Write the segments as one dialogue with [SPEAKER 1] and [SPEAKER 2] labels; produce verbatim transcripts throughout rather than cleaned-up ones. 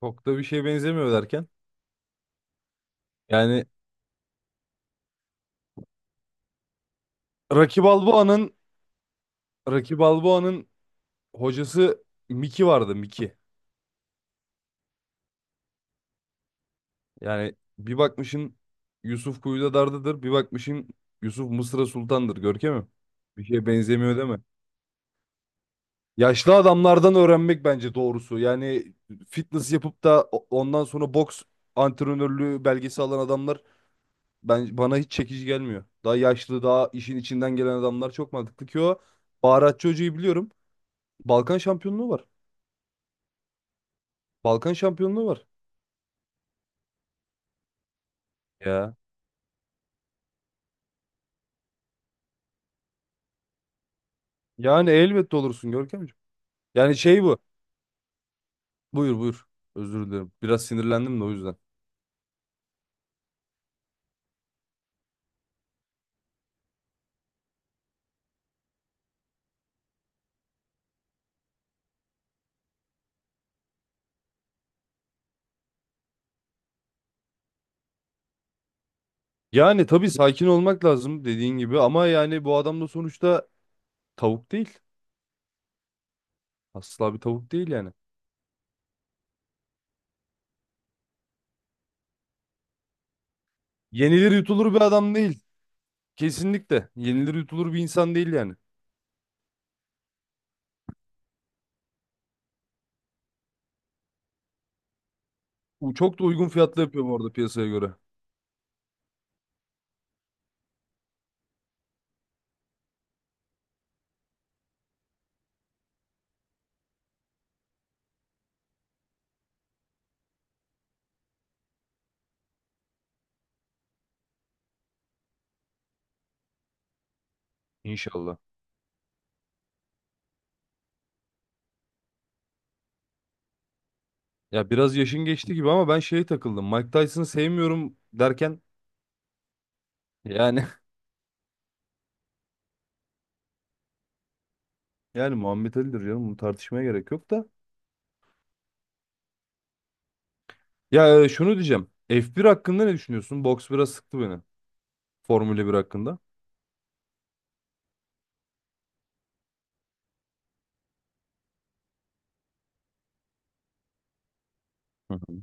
[SPEAKER 1] Çok da bir şeye benzemiyor derken. Yani Rocky Balboa'nın Rocky Balboa'nın hocası Mickey vardı Mickey. Yani bir bakmışın Yusuf Kuyuda Dardı'dır. Bir bakmışın Yusuf Mısır'a Sultan'dır. Görkem'im. Bir şeye benzemiyor değil mi? Yaşlı adamlardan öğrenmek bence doğrusu. Yani fitness yapıp da o- ondan sonra boks antrenörlüğü belgesi alan adamlar ben, bana hiç çekici gelmiyor. Daha yaşlı, daha işin içinden gelen adamlar çok mantıklı ki o baharatçı hocayı biliyorum. Balkan şampiyonluğu var. Balkan şampiyonluğu var. Ya. Yani elbette olursun Görkemciğim. Yani şey bu. Buyur buyur. Özür dilerim. Biraz sinirlendim de o yüzden. Yani tabii sakin olmak lazım dediğin gibi ama yani bu adam da sonuçta tavuk değil. Asla bir tavuk değil yani. Yenilir yutulur bir adam değil. Kesinlikle. Yenilir yutulur bir insan değil yani. Bu çok da uygun fiyatlı yapıyor bu arada piyasaya göre. İnşallah. Ya biraz yaşın geçti gibi ama ben şeye takıldım. Mike Tyson'ı sevmiyorum derken yani yani Muhammed Ali'dir canım. Bunu tartışmaya gerek yok da. Ya e, şunu diyeceğim. F bir hakkında ne düşünüyorsun? Box biraz sıktı beni. Formula bir hakkında. Hı hı.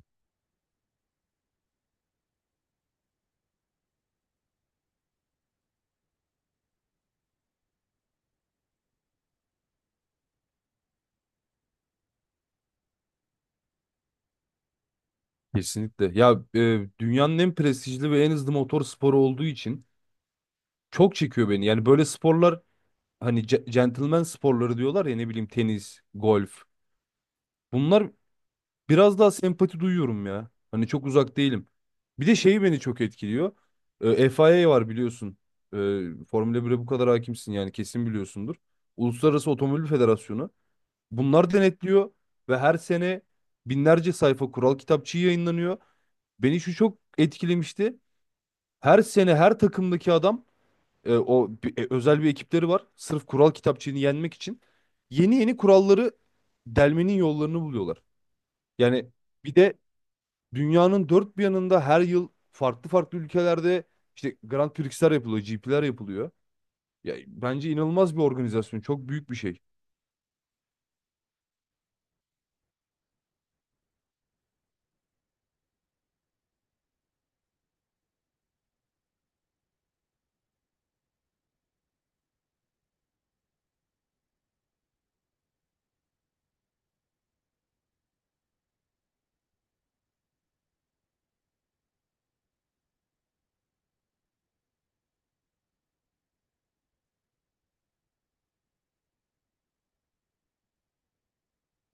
[SPEAKER 1] Kesinlikle. Ya e, dünyanın en prestijli ve en hızlı motor sporu olduğu için çok çekiyor beni. Yani böyle sporlar hani ce- gentleman sporları diyorlar ya ne bileyim tenis, golf. Bunlar biraz daha sempati duyuyorum ya. Hani çok uzak değilim. Bir de şeyi beni çok etkiliyor. E, F I A var biliyorsun. E, Formula bire bu kadar hakimsin yani kesin biliyorsundur. Uluslararası Otomobil Federasyonu. Bunlar denetliyor ve her sene binlerce sayfa kural kitapçığı yayınlanıyor. Beni şu çok etkilemişti. Her sene her takımdaki adam e, o bi- e, özel bir ekipleri var. Sırf kural kitapçığını yenmek için yeni yeni kuralları delmenin yollarını buluyorlar. Yani bir de dünyanın dört bir yanında her yıl farklı farklı ülkelerde işte Grand Prix'ler yapılıyor, G P'ler yapılıyor. Ya, bence inanılmaz bir organizasyon. Çok büyük bir şey.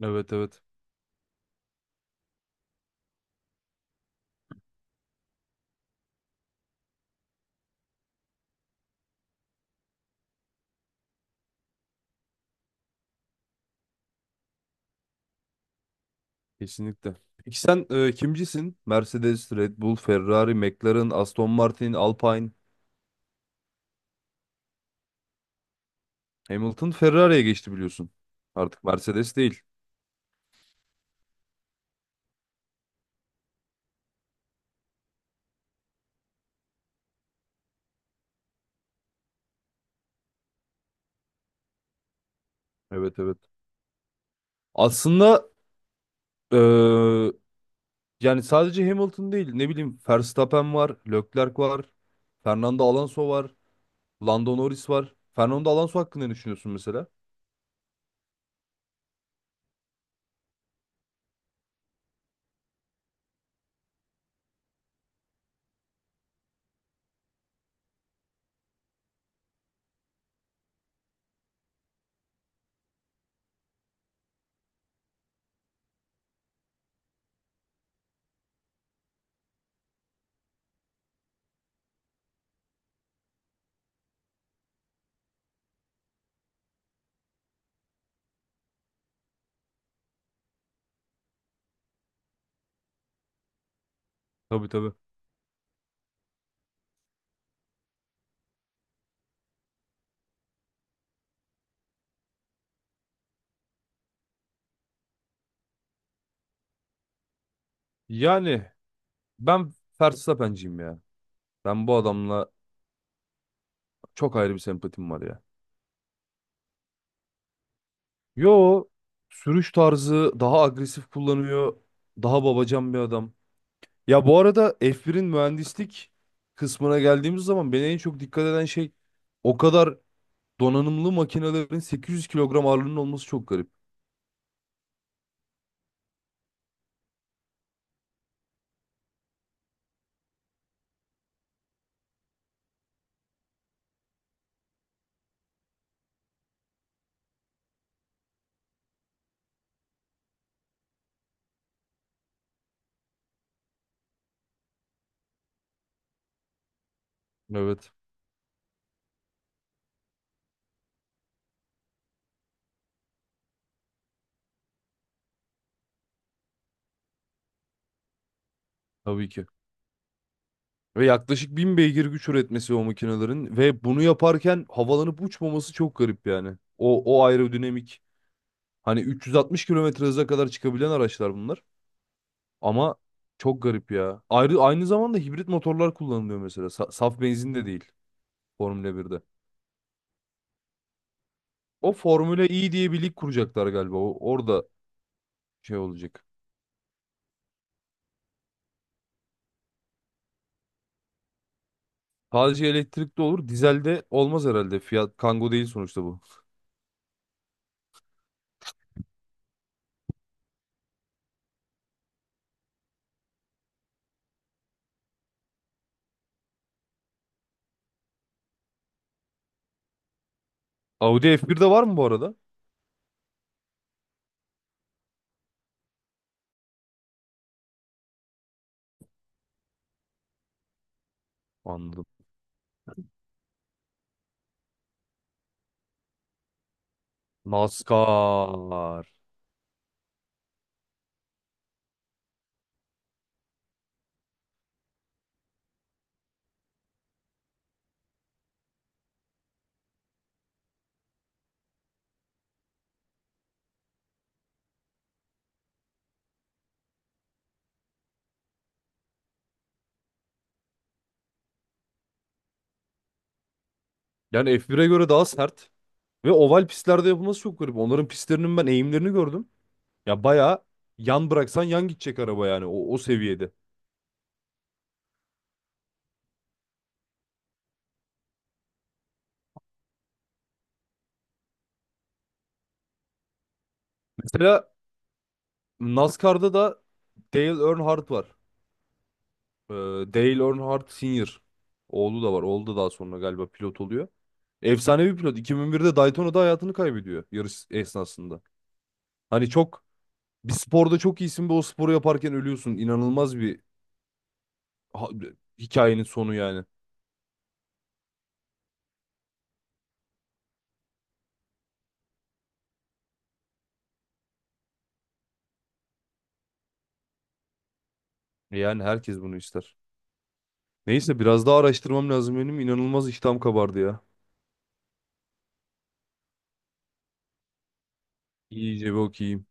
[SPEAKER 1] Evet, evet. Kesinlikle. Peki sen e, kimcisin? Mercedes, Red Bull, Ferrari, McLaren, Aston Martin, Alpine. Hamilton Ferrari'ye geçti biliyorsun. Artık Mercedes değil. Evet, evet. Aslında eee, yani sadece Hamilton değil ne bileyim Verstappen var, Leclerc var, Fernando Alonso var. Lando Norris var. Fernando Alonso hakkında ne düşünüyorsun mesela? Tabii, tabii. Yani ben Verstappen'ciyim ya. Ben bu adamla çok ayrı bir sempatim var ya. Yo, sürüş tarzı daha agresif kullanıyor. Daha babacan bir adam. Ya bu arada F birin mühendislik kısmına geldiğimiz zaman beni en çok dikkat eden şey o kadar donanımlı makinelerin sekiz yüz kilogram ağırlığının olması çok garip. Evet, tabii ki. Ve yaklaşık bin beygir güç üretmesi o makinelerin ve bunu yaparken havalanıp uçmaması çok garip yani. O, o aerodinamik hani üç yüz altmış kilometre hıza kadar çıkabilen araçlar bunlar ama çok garip ya. Ayrı, aynı zamanda hibrit motorlar kullanılıyor mesela Sa- saf benzin de değil Formula birde. O Formula E diye bir lig kuracaklar galiba o, orada şey olacak. Sadece elektrikli olur dizelde olmaz herhalde Fiat Kangoo değil sonuçta bu. Audi F birde var mı bu arada? Anladım. NASCAR. Yani F bire göre daha sert ve oval pistlerde yapılması çok garip. Onların pistlerinin ben eğimlerini gördüm. Ya bayağı yan bıraksan yan gidecek araba yani o, o seviyede. Mesela NASCAR'da da Dale Earnhardt var. Ee, Dale Earnhardt Senior. Oğlu da var. Oğlu da daha sonra galiba pilot oluyor. Efsanevi pilot. iki bin birde Daytona'da hayatını kaybediyor yarış esnasında. Hani çok bir sporda çok iyisin ve o sporu yaparken ölüyorsun. İnanılmaz bir ha- hikayenin sonu yani. Yani herkes bunu ister. Neyse biraz daha araştırmam lazım benim. İnanılmaz iştahım kabardı ya. İyice bir okuyayım.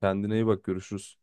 [SPEAKER 1] Kendine iyi bak, görüşürüz.